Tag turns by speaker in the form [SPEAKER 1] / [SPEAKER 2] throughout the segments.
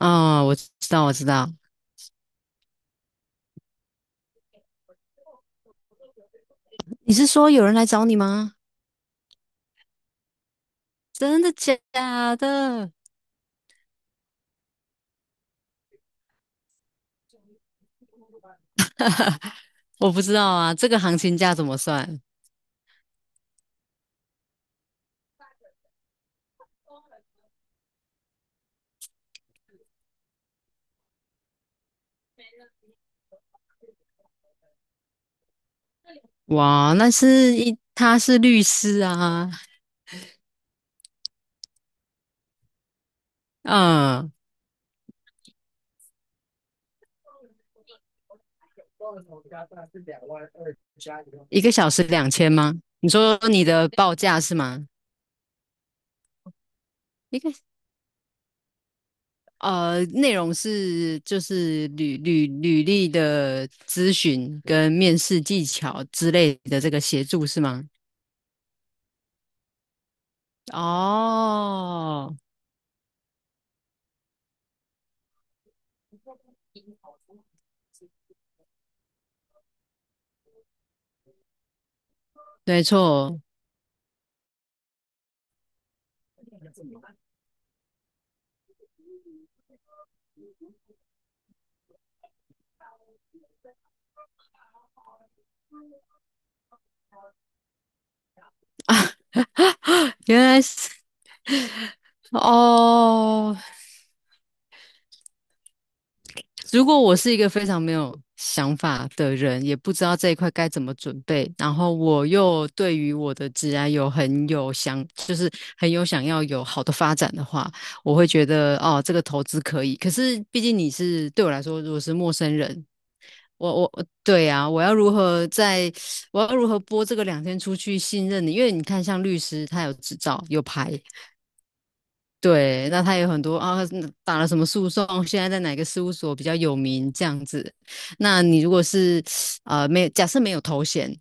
[SPEAKER 1] 哦，我知道，我知道。你是说有人来找你吗？真的假的？我不知道啊，这个行情价怎么算？哇，那是一，他是律师啊。嗯，一个小时2000吗？你说你的报价是吗？一个内容是就是履历的咨询跟面试技巧之类的这个协助是吗？哦，没错。啊？原来是哦。如果我是一个非常没有想法的人，也不知道这一块该怎么准备，然后我又对于我的职涯有很有想，就是很有想要有好的发展的话，我会觉得哦，这个投资可以。可是毕竟你是对我来说，如果是陌生人，我对啊，我要如何播这个两天出去信任你？因为你看，像律师他有执照有牌，对，那他有很多啊，打了什么诉讼，现在在哪个事务所比较有名这样子。那你如果是啊，没有假设没有头衔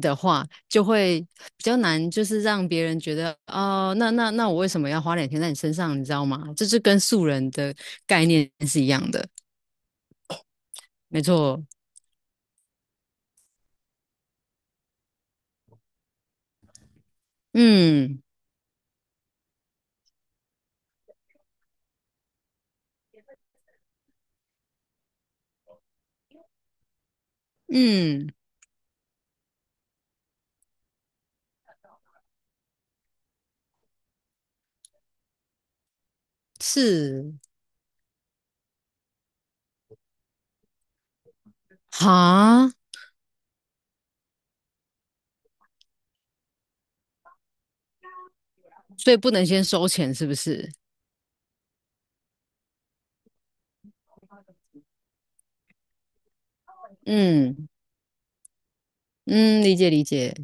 [SPEAKER 1] 的话，就会比较难，就是让别人觉得哦，那我为什么要花两天在你身上，你知道吗？这是跟素人的概念是一样的，没错。嗯嗯，是哈，所以不能先收钱，是不是？嗯嗯，理解理解。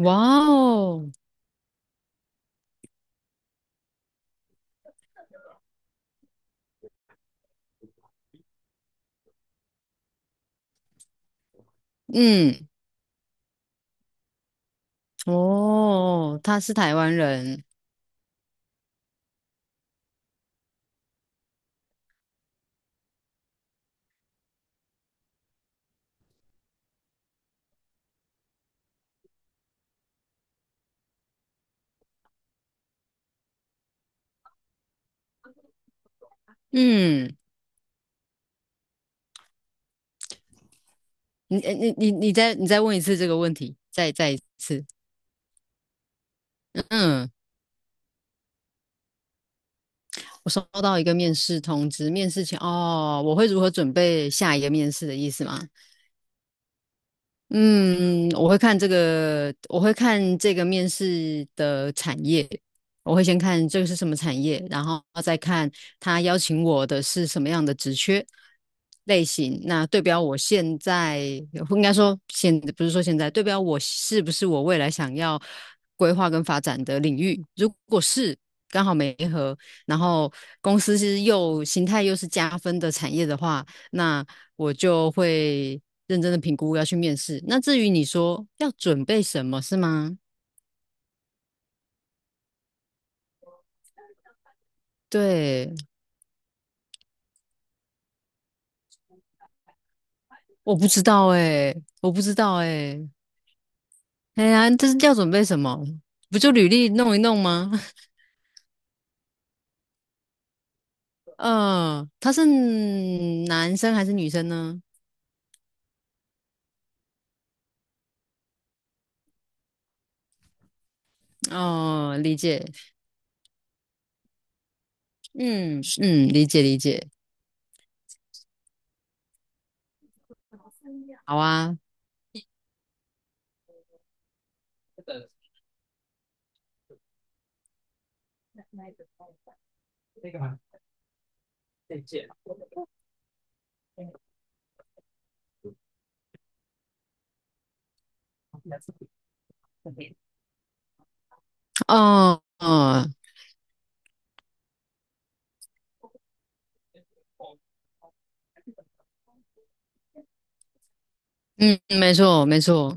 [SPEAKER 1] 哇哦，嗯。哦，他是台湾人。嗯，你再问一次这个问题，再一次。嗯，我收到一个面试通知，面试前哦，我会如何准备下一个面试的意思吗？嗯，我会看这个面试的产业，我会先看这个是什么产业，然后再看他邀请我的是什么样的职缺类型，那对标我现在，应该说现，不是说现在，对标我是不是我未来想要规划跟发展的领域，如果是刚好没合，然后公司是又形态又是加分的产业的话。那我就会认真的评估要去面试。那至于你说要准备什么，是吗？对，我不知道哎、我不知道哎、哎呀，这是要准备什么？不就履历弄一弄吗？嗯，他是男生还是女生呢？哦，理解。嗯嗯，理解理解。好啊。哦哦，嗯，没错没错。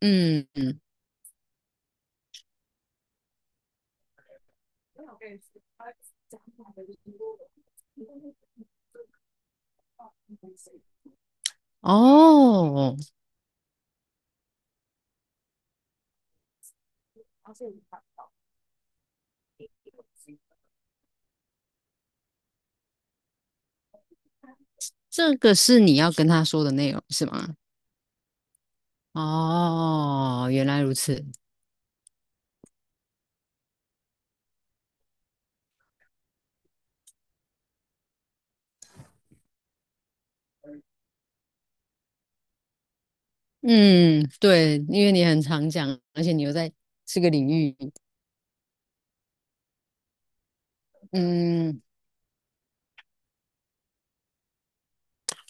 [SPEAKER 1] 嗯嗯。哦，这个是你要跟他说的内容是吗？哦，原来如此。嗯，对，因为你很常讲，而且你又在这个领域。嗯，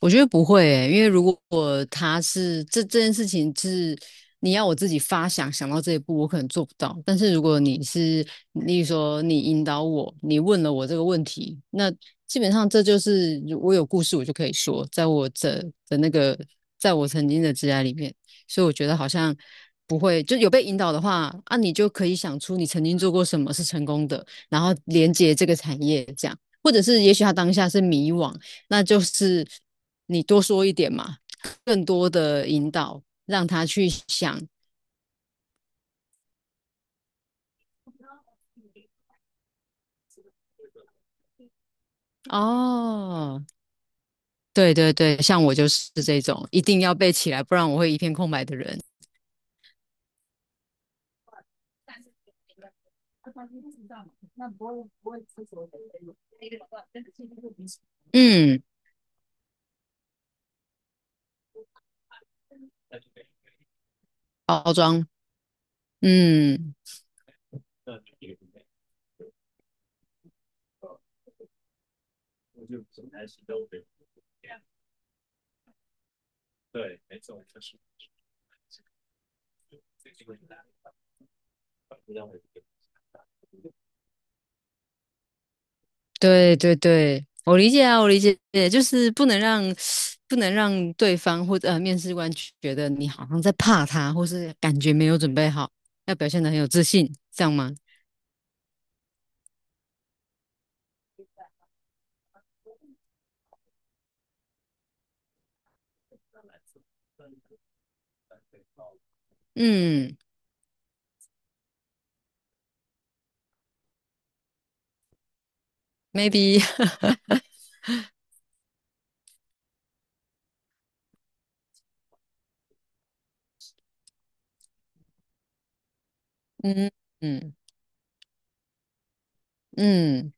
[SPEAKER 1] 我觉得不会诶、因为如果他是这件事情是你要我自己发想想到这一步，我可能做不到。但是如果你是，例如说你引导我，你问了我这个问题，那基本上这就是我有故事我就可以说，的那个，在我曾经的职涯里面，所以我觉得好像不会，就有被引导的话啊，你就可以想出你曾经做过什么是成功的，然后连接这个产业这样。或者是也许他当下是迷惘，那就是你多说一点嘛，更多的引导，让他去想。哦，对对对，像我就是这种，一定要背起来，不然我会一片空白的人。嗯，包装，嗯，对对对，我理解啊，我理解，就是不能让对方或者面试官觉得你好像在怕他，或是感觉没有准备好，要表现得很有自信，这样吗？嗯，maybe。嗯嗯嗯。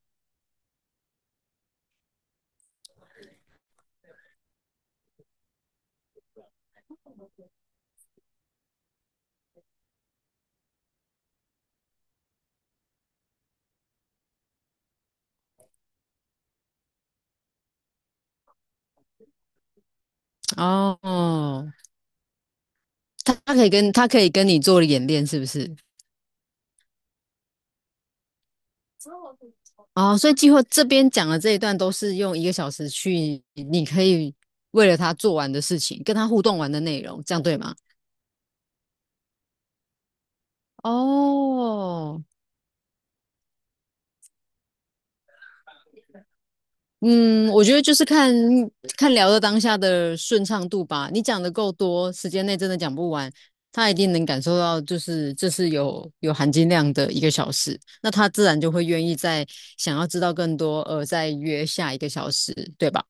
[SPEAKER 1] 哦，他可以跟你做演练，是不是？哦，所以计划这边讲的这一段都是用一个小时去，你可以为了他做完的事情，跟他互动完的内容，这样对吗？哦，嗯，我觉得就是看看聊的当下的顺畅度吧。你讲的够多，时间内真的讲不完，他一定能感受到，就是这是有含金量的一个小时，那他自然就会愿意再想要知道更多，而再约下一个小时，对吧？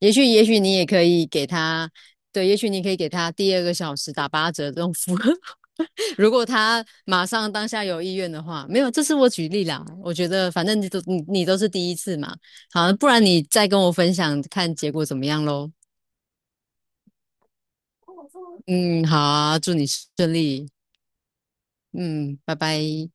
[SPEAKER 1] 也许你也可以给他，对，也许你可以给他第二个小时打八折这种服务。如果他马上当下有意愿的话，没有，这是我举例啦。我觉得反正你都是第一次嘛，好，不然你再跟我分享看结果怎么样喽。嗯，好啊，祝你顺利。嗯，拜拜。